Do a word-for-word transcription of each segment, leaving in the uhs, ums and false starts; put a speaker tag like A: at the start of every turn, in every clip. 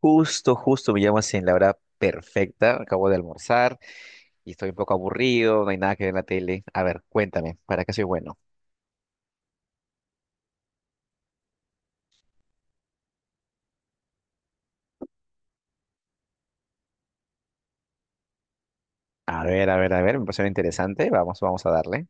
A: Justo, justo me llamas en la hora perfecta. Acabo de almorzar y estoy un poco aburrido, no hay nada que ver en la tele. A ver, cuéntame, ¿para qué soy bueno? A ver, a ver, a ver, me pareció interesante. Vamos, vamos a darle.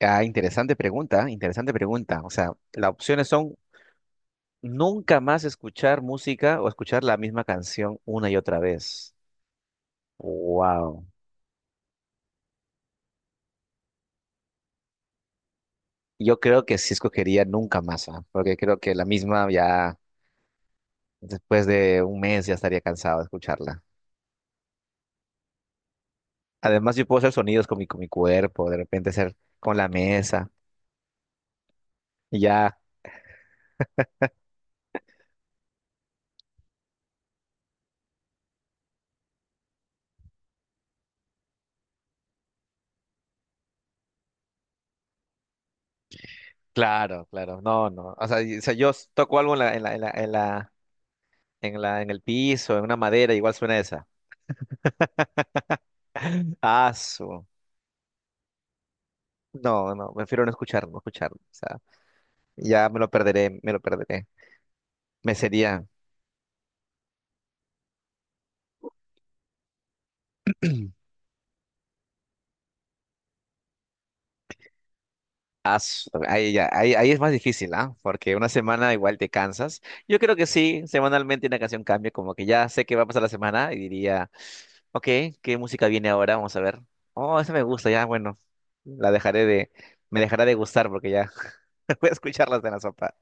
A: Ah, interesante pregunta, interesante pregunta. O sea, las opciones son nunca más escuchar música o escuchar la misma canción una y otra vez. Wow. Yo creo que sí escogería nunca más, ¿ah? Porque creo que la misma ya después de un mes ya estaría cansado de escucharla. Además, yo puedo hacer sonidos con mi, con mi cuerpo, de repente hacer con la mesa, y ya, claro, claro, no, no. O sea, y- o sea, yo s- toco algo en la, en la, en la, en la, en la- en el piso, en una madera, igual suena esa. Ah, su. No, no, prefiero no escucharlo, no escucharlo. O sea, ya me lo perderé, me lo perderé. Me sería. Ah, su, ahí, ya, ahí, ahí es más difícil, ¿ah? Porque una semana igual te cansas. Yo creo que sí, semanalmente una canción cambia, como que ya sé qué va a pasar la semana y diría. Ok, ¿qué música viene ahora? Vamos a ver. Oh, esa me gusta, ya, bueno. La dejaré de... Me dejará de gustar porque ya voy a escucharlas en la sopa.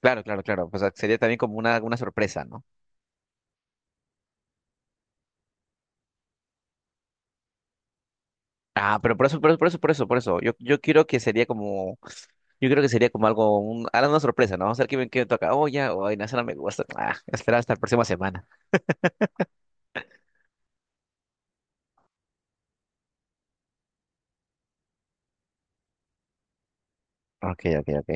A: Claro, claro, claro. O sea, sería también como una, una sorpresa, ¿no? Ah, pero por eso, por eso, por eso, por eso, por eso. Yo, yo quiero que sería como... Yo creo que sería como algo... Un, algo una sorpresa, ¿no? Vamos a ver qué, me- qué me toca. Oh, ya, oh, ay, no, esa no me gusta. Ah, espera hasta la próxima semana. Ok, ok, ok.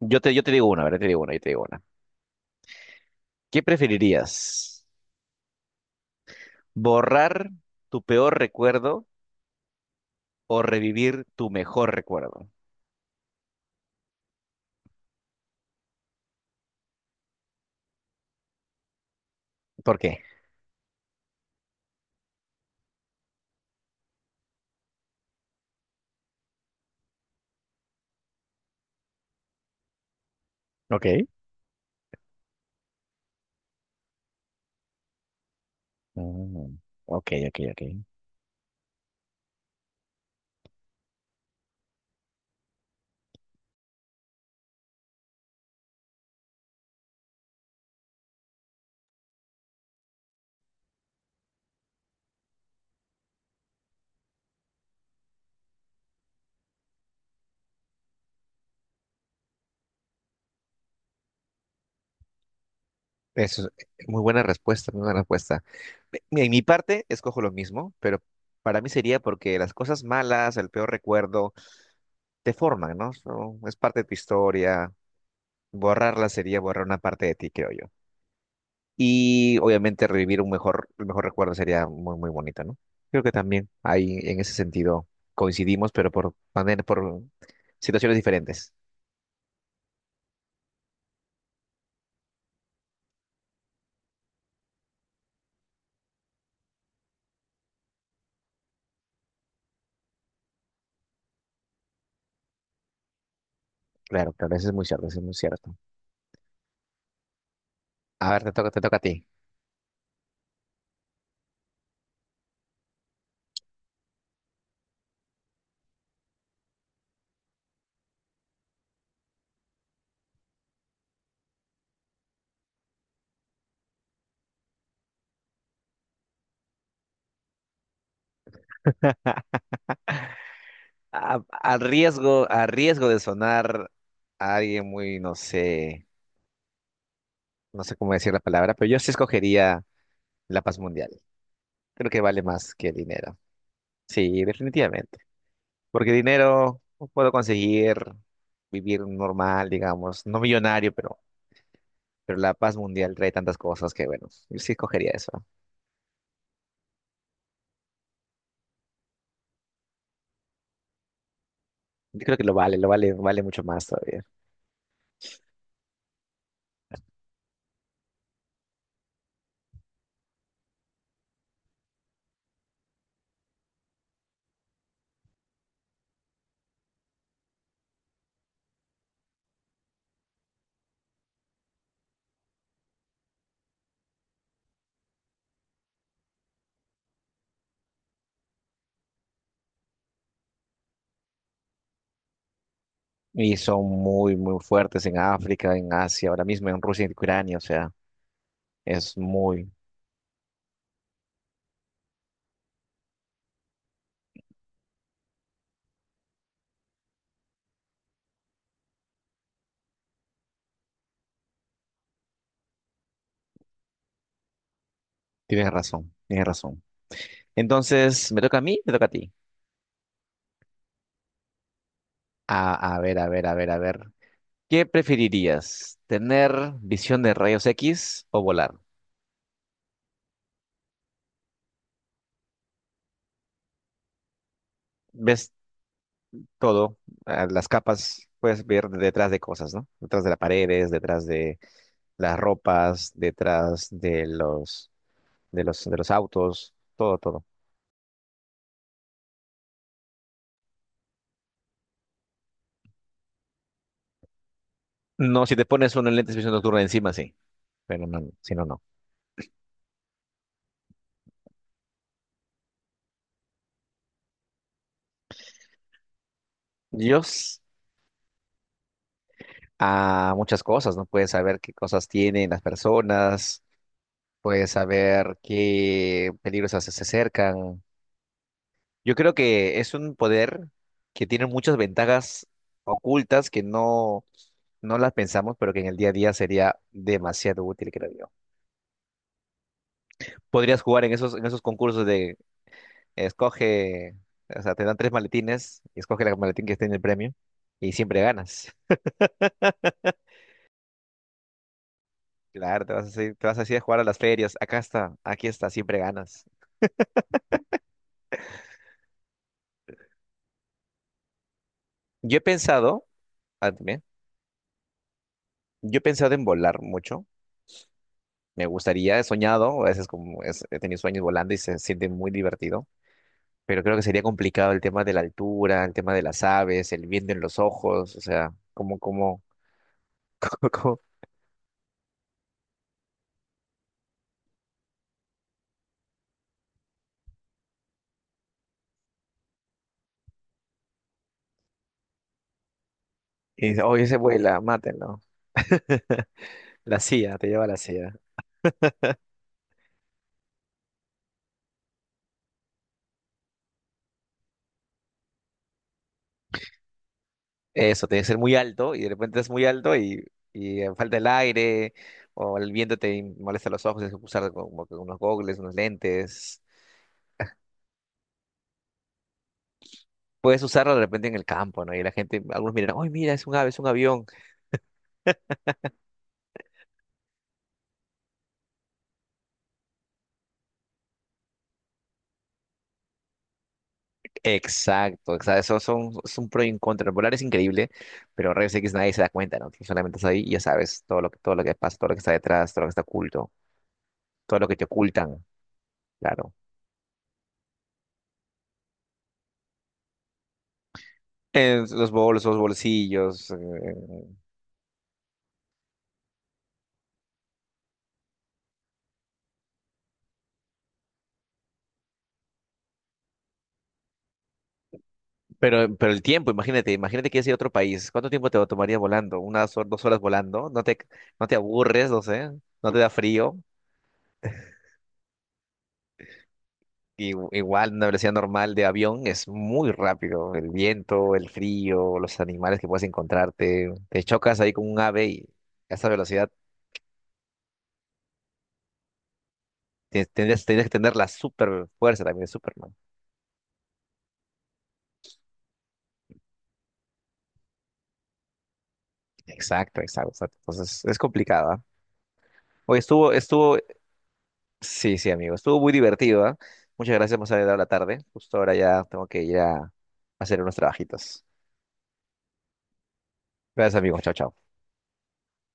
A: Yo te, yo te digo una, ¿verdad? Te digo una, yo te digo una. ¿Qué preferirías? ¿Borrar tu peor recuerdo o revivir tu mejor recuerdo? ¿Por qué? Ok. Mm, ok, ok, ok. Eso es muy buena respuesta, muy buena respuesta. Mi- Mira, en mi parte escojo lo mismo, pero para mí sería porque las cosas malas, el peor recuerdo, te forman, ¿no? Son- es parte de tu historia. Borrarla sería borrar una parte de ti, creo yo. Y obviamente revivir un mejor, el mejor recuerdo sería muy, muy bonito, ¿no? Creo que también ahí en ese sentido coincidimos, pero por, maner- por situaciones diferentes. Claro, claro, eso es muy cierto, eso es muy cierto. A ver, te toca, te toca a ti. A, a riesgo, a riesgo de sonar a alguien muy, no sé, no sé cómo decir la palabra, pero yo sí escogería la paz mundial. Creo que vale más que el dinero. Sí, definitivamente. Porque dinero puedo conseguir vivir normal, digamos, no millonario, pero, pero la paz mundial trae tantas cosas que, bueno, yo sí escogería eso. Yo creo que lo vale, lo vale, vale mucho más todavía. Y son muy, muy fuertes en África, en Asia, ahora mismo en Rusia y en Ucrania. O sea, es muy... Tienes razón, tienes razón. Entonces, ¿me toca a mí? ¿Me toca a ti? A, a ver, a ver, a ver, a ver. ¿Qué preferirías? ¿Tener visión de rayos X o volar? Ves todo, eh, las capas, puedes ver detrás de cosas, ¿no? Detrás de las paredes, detrás de las ropas, detrás de los, de los, de los autos, todo, todo. No, si te pones unos lentes de visión nocturna encima, sí. Pero no, si no, no. Dios, a muchas cosas, ¿no? Puedes saber qué cosas tienen las personas, puedes saber qué peligros se se acercan. Yo creo que es un poder que tiene muchas ventajas ocultas que no, no las pensamos, pero que en el día a día sería demasiado útil, creo yo. Podrías jugar en esos, en esos concursos de escoge, o sea, te dan tres maletines y escoge el maletín que esté en el premio y siempre ganas. Claro, te vas a seguir- te vas así a jugar a las ferias. Acá está, aquí está, siempre ganas. Yo he pensado, ah, también, yo he pensado en volar mucho. Me gustaría, he soñado, a veces como es- he tenido sueños volando y se siente muy divertido. Pero creo que sería complicado el tema de la altura, el tema de las aves, el viento en los ojos, o sea, como, como, como, como- Y dice, oye, se vuela, mátenlo. La C I A, te lleva a la C I A. Eso, tiene que ser muy alto y de repente es muy alto y, y eh, falta el aire o el viento te molesta los ojos, tienes que usar como que unos gogles, unos lentes. Puedes usarlo de repente en el campo, ¿no? Y la gente, algunos miran, ¡ay, mira, es un ave, es un avión! Exacto, exacto, eso son, es un pro y un contra. Volar es increíble, pero rayos X nadie se da cuenta, ¿no? Tú solamente estás ahí y ya sabes todo lo que, todo lo que pasa, todo lo que está detrás, todo lo que está oculto, todo lo que te ocultan, claro. En los bolsos, bolsillos, eh, Pero, pero el tiempo, imagínate, imagínate que es ir a otro país. ¿Cuánto tiempo te tomaría volando? ¿Unas hor- dos horas volando? ¿No te, no te aburres, no sé? ¿No te da frío? Y, igual, una velocidad normal de avión es muy rápido. El viento, el frío, los animales que puedes encontrarte. Te chocas ahí con un ave y a esa velocidad te- tendrías, tendrías que tener la super fuerza también de Superman. Exacto, exacto, exacto. Entonces es complicada. Oye, estuvo, estuvo sí, sí, amigo. Estuvo muy divertido, ¿ah? Muchas gracias, más adelante a la tarde. Justo ahora ya tengo que ir a hacer unos trabajitos. Gracias, amigos. Chao, chao.